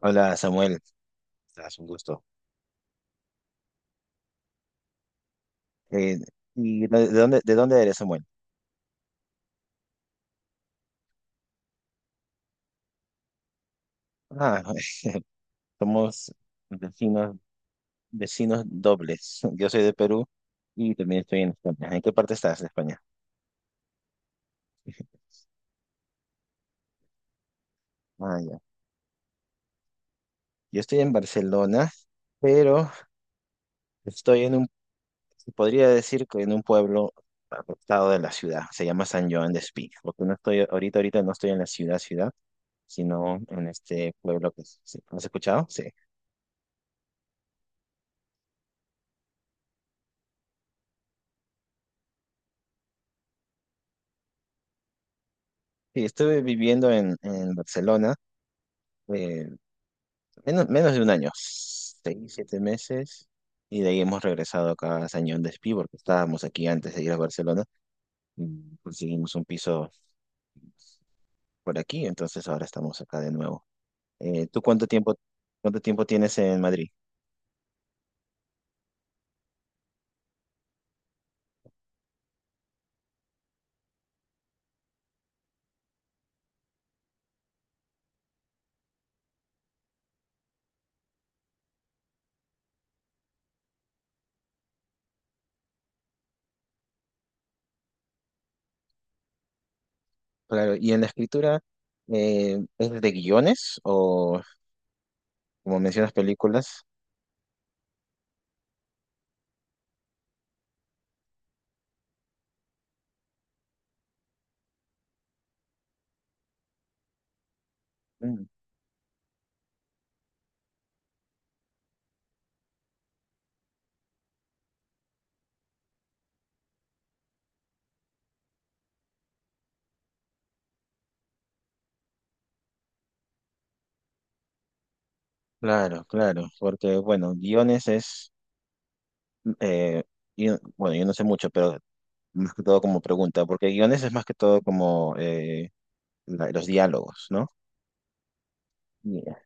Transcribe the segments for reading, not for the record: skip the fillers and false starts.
Hola Samuel, es un gusto. Eh, ¿Y de dónde eres, Samuel? Ah, somos vecinos, vecinos dobles. Yo soy de Perú y también estoy en España. ¿En qué parte estás de España? Ah, ya. Yo estoy en Barcelona, pero estoy en un, se podría decir que en un pueblo apartado de la ciudad. Se llama San Joan de Espí, porque no estoy ahorita no estoy en la ciudad, ciudad, sino en este pueblo que sí. ¿Has escuchado? Sí. Sí, estuve viviendo en Barcelona. eh, menos de un año, 6, 7 meses, y de ahí hemos regresado acá a Sañón de Espí, porque estábamos aquí antes de ir a Barcelona, y conseguimos un piso por aquí, entonces ahora estamos acá de nuevo. ¿Tú cuánto tiempo tienes en Madrid? Claro, y en la escritura, ¿es de guiones o, como mencionas, películas? Mm. Claro, claro, porque bueno, guiones es, eh, bueno, yo no sé mucho, pero más que todo como pregunta, porque guiones es más que todo como los diálogos, ¿no? Ya.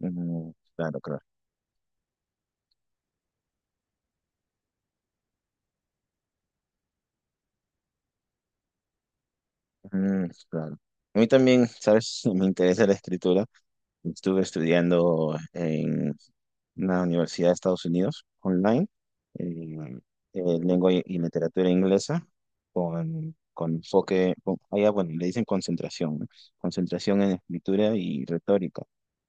Mm, claro, claro. Mm, claro. A mí también, ¿sabes? Me interesa la escritura. Estuve estudiando en una universidad de Estados Unidos online, eh, lengua y literatura inglesa, con enfoque, allá, bueno, le dicen concentración, ¿no? Concentración en escritura y retórica.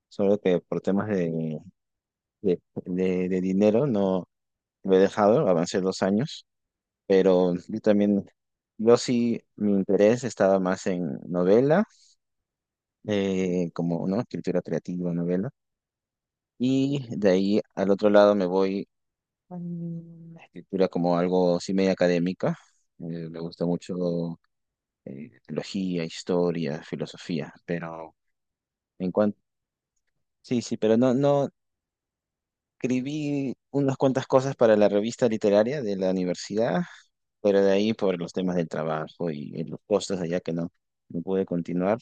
Solo que por temas de, de dinero no lo he dejado, avancé 2 años pero yo también, yo sí, mi interés estaba más en novela, como, ¿no? Escritura creativa, novela, y de ahí al otro lado me voy a la escritura como algo sí medio académica. Me gusta mucho teología, historia, filosofía, pero en cuanto, sí, sí, pero no, no, escribí unas cuantas cosas para la revista literaria de la universidad, pero de ahí por los temas del trabajo y los costos allá que no, no pude continuar.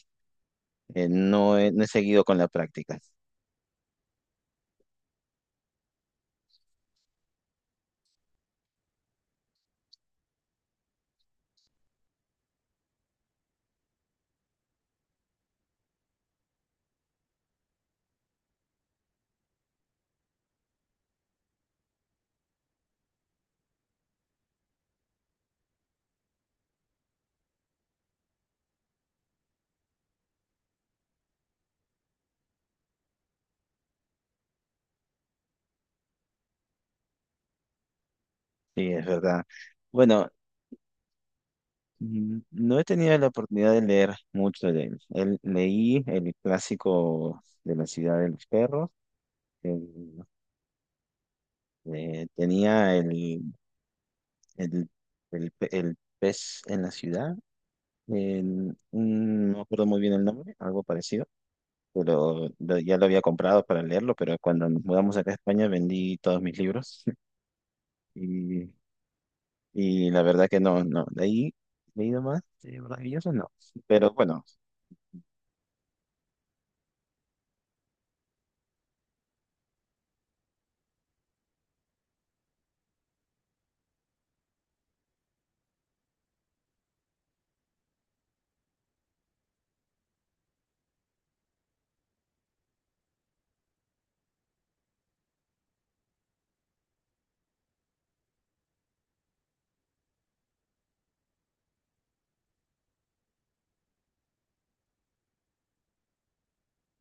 no he, seguido con la práctica. Sí, es verdad. Bueno, no he tenido la oportunidad de leer mucho de él. Leí el clásico de la ciudad de los perros. el- Tenía el, el pez en la ciudad. No me acuerdo muy bien el nombre, algo parecido. Pero ya lo había comprado para leerlo, pero cuando nos mudamos acá a España vendí todos mis libros. Y Y la verdad que no, no, de ahí nomás, de maravilloso no. Pero bueno,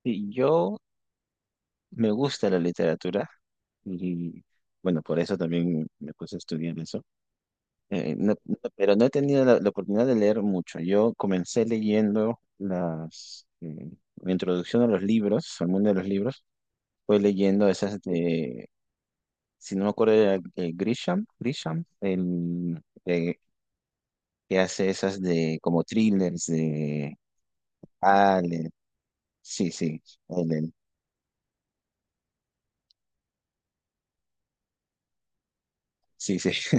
sí, yo me gusta la literatura y bueno, por eso también me puse a estudiar eso. No, pero no he tenido la oportunidad de leer mucho. Yo comencé leyendo mi introducción a los libros, al mundo de los libros, fue leyendo esas de, si no me acuerdo, era, Grisham, que hace esas de como thrillers. De... Sí, sí. Ellen. Sí, sí.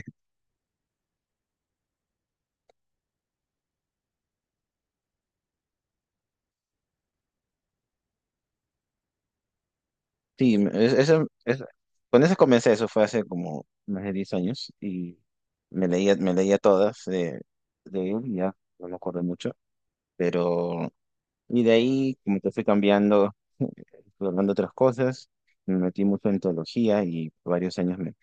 Sí, con eso comencé, eso fue hace como más de 10 años y me leía todas de él, y ya no me acuerdo mucho, pero y de ahí como que fui cambiando, fui hablando otras cosas, me metí mucho en teología y por varios años me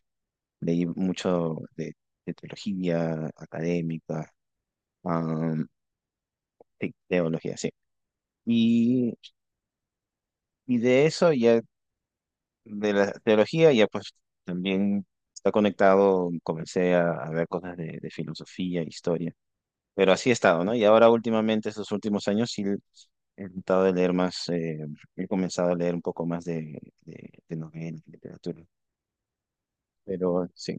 leí mucho de teología académica, am, sí, teología, sí. Y, y de eso ya de la teología, ya pues también está conectado, comencé a ver cosas de filosofía, historia, pero así he estado, ¿no? Y ahora últimamente, estos últimos años, sí he tratado de leer más, he comenzado a leer un poco más de novelas, de literatura, pero sí.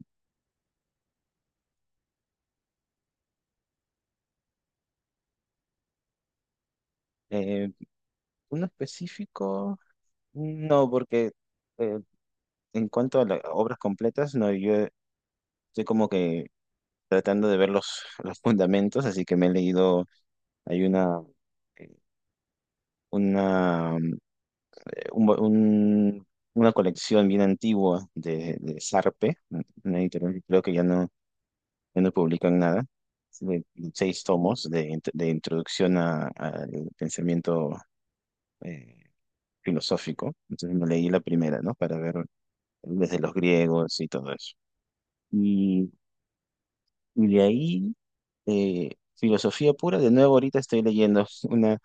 Eh, ¿Uno específico? No, porque eh, en cuanto a las obras completas, no, yo estoy como que tratando de ver los fundamentos, así que me he leído, hay eh, una, eh, un- un- una colección bien antigua de Sarpe, una editorial que creo que ya no publican nada, de seis tomos de introducción al pensamiento eh, filosófico. Entonces me leí la primera, ¿no? Para ver desde los griegos y todo eso. Y, y de ahí, eh, filosofía pura, de nuevo ahorita estoy leyendo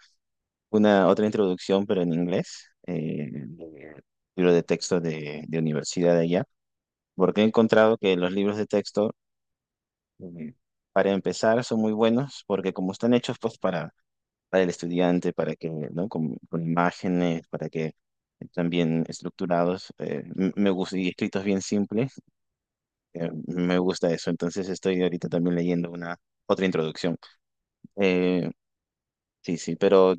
una otra introducción, pero en inglés, de libro de texto de universidad de allá, porque he encontrado que los libros de texto, eh, para empezar, son muy buenos, porque como están hechos pues para el estudiante, para que, ¿no? Con imágenes, para que están bien estructurados, me gusta, y escritos bien simples, me gusta eso. Entonces estoy ahorita también leyendo una otra introducción. Eh, sí, sí, pero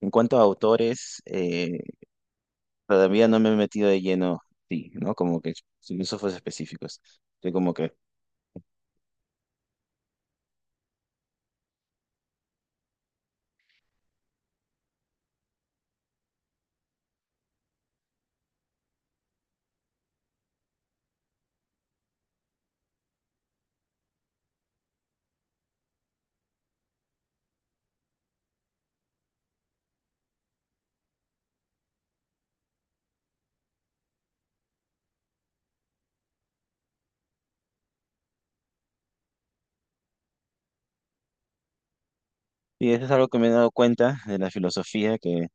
en cuanto a autores, todavía no me he metido de lleno, sí, ¿no? Como que filósofos específicos. Yo como que, y eso es algo que me he dado cuenta de la filosofía, que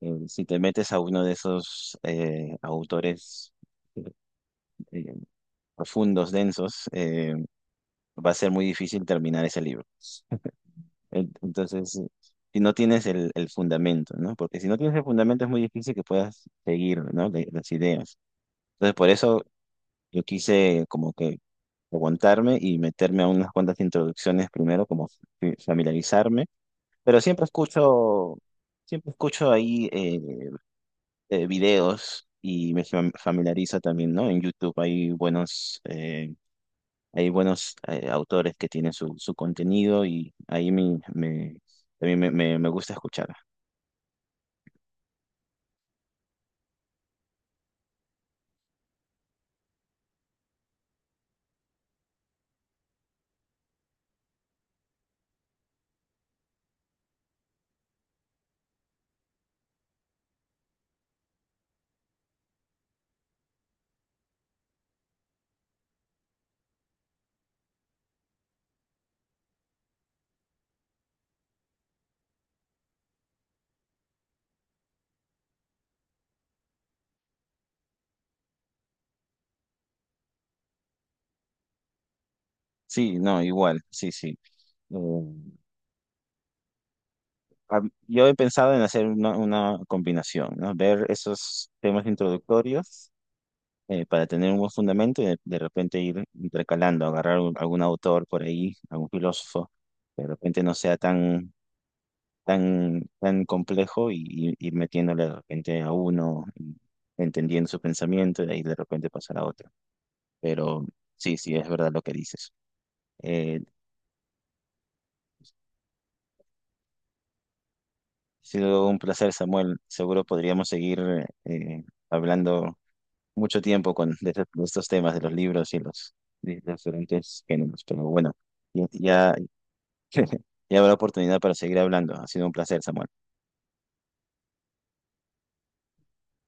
si te metes a uno de esos autores eh, eh, profundos, densos, va a ser muy difícil terminar ese libro. Entonces, si no tienes el fundamento, ¿no? Porque si no tienes el fundamento es muy difícil que puedas seguir, ¿no? Las ideas. Entonces, por eso yo quise como que aguantarme y meterme a unas cuantas introducciones primero, como familiarizarme, pero siempre escucho ahí videos y me familiarizo también, ¿no? En YouTube hay buenos autores que tienen su contenido y ahí también me gusta escuchar. Sí, no, igual, sí, sí. Eh, a- yo he pensado en hacer una combinación, ¿no? Ver esos temas introductorios para tener un buen fundamento y de repente ir intercalando, agarrar algún autor por ahí, algún filósofo, que de repente no sea tan, tan, tan complejo y ir metiéndole de repente a uno, y entendiendo su pensamiento y de ahí de repente pasar a otro. Pero sí, sí, es verdad lo que dices. Ha sido un placer, Samuel. Seguro podríamos seguir eh, hablando mucho tiempo de estos temas, de los libros y de los diferentes géneros, pero bueno. Ya, ya ya habrá oportunidad para seguir hablando. Ha sido un placer, Samuel.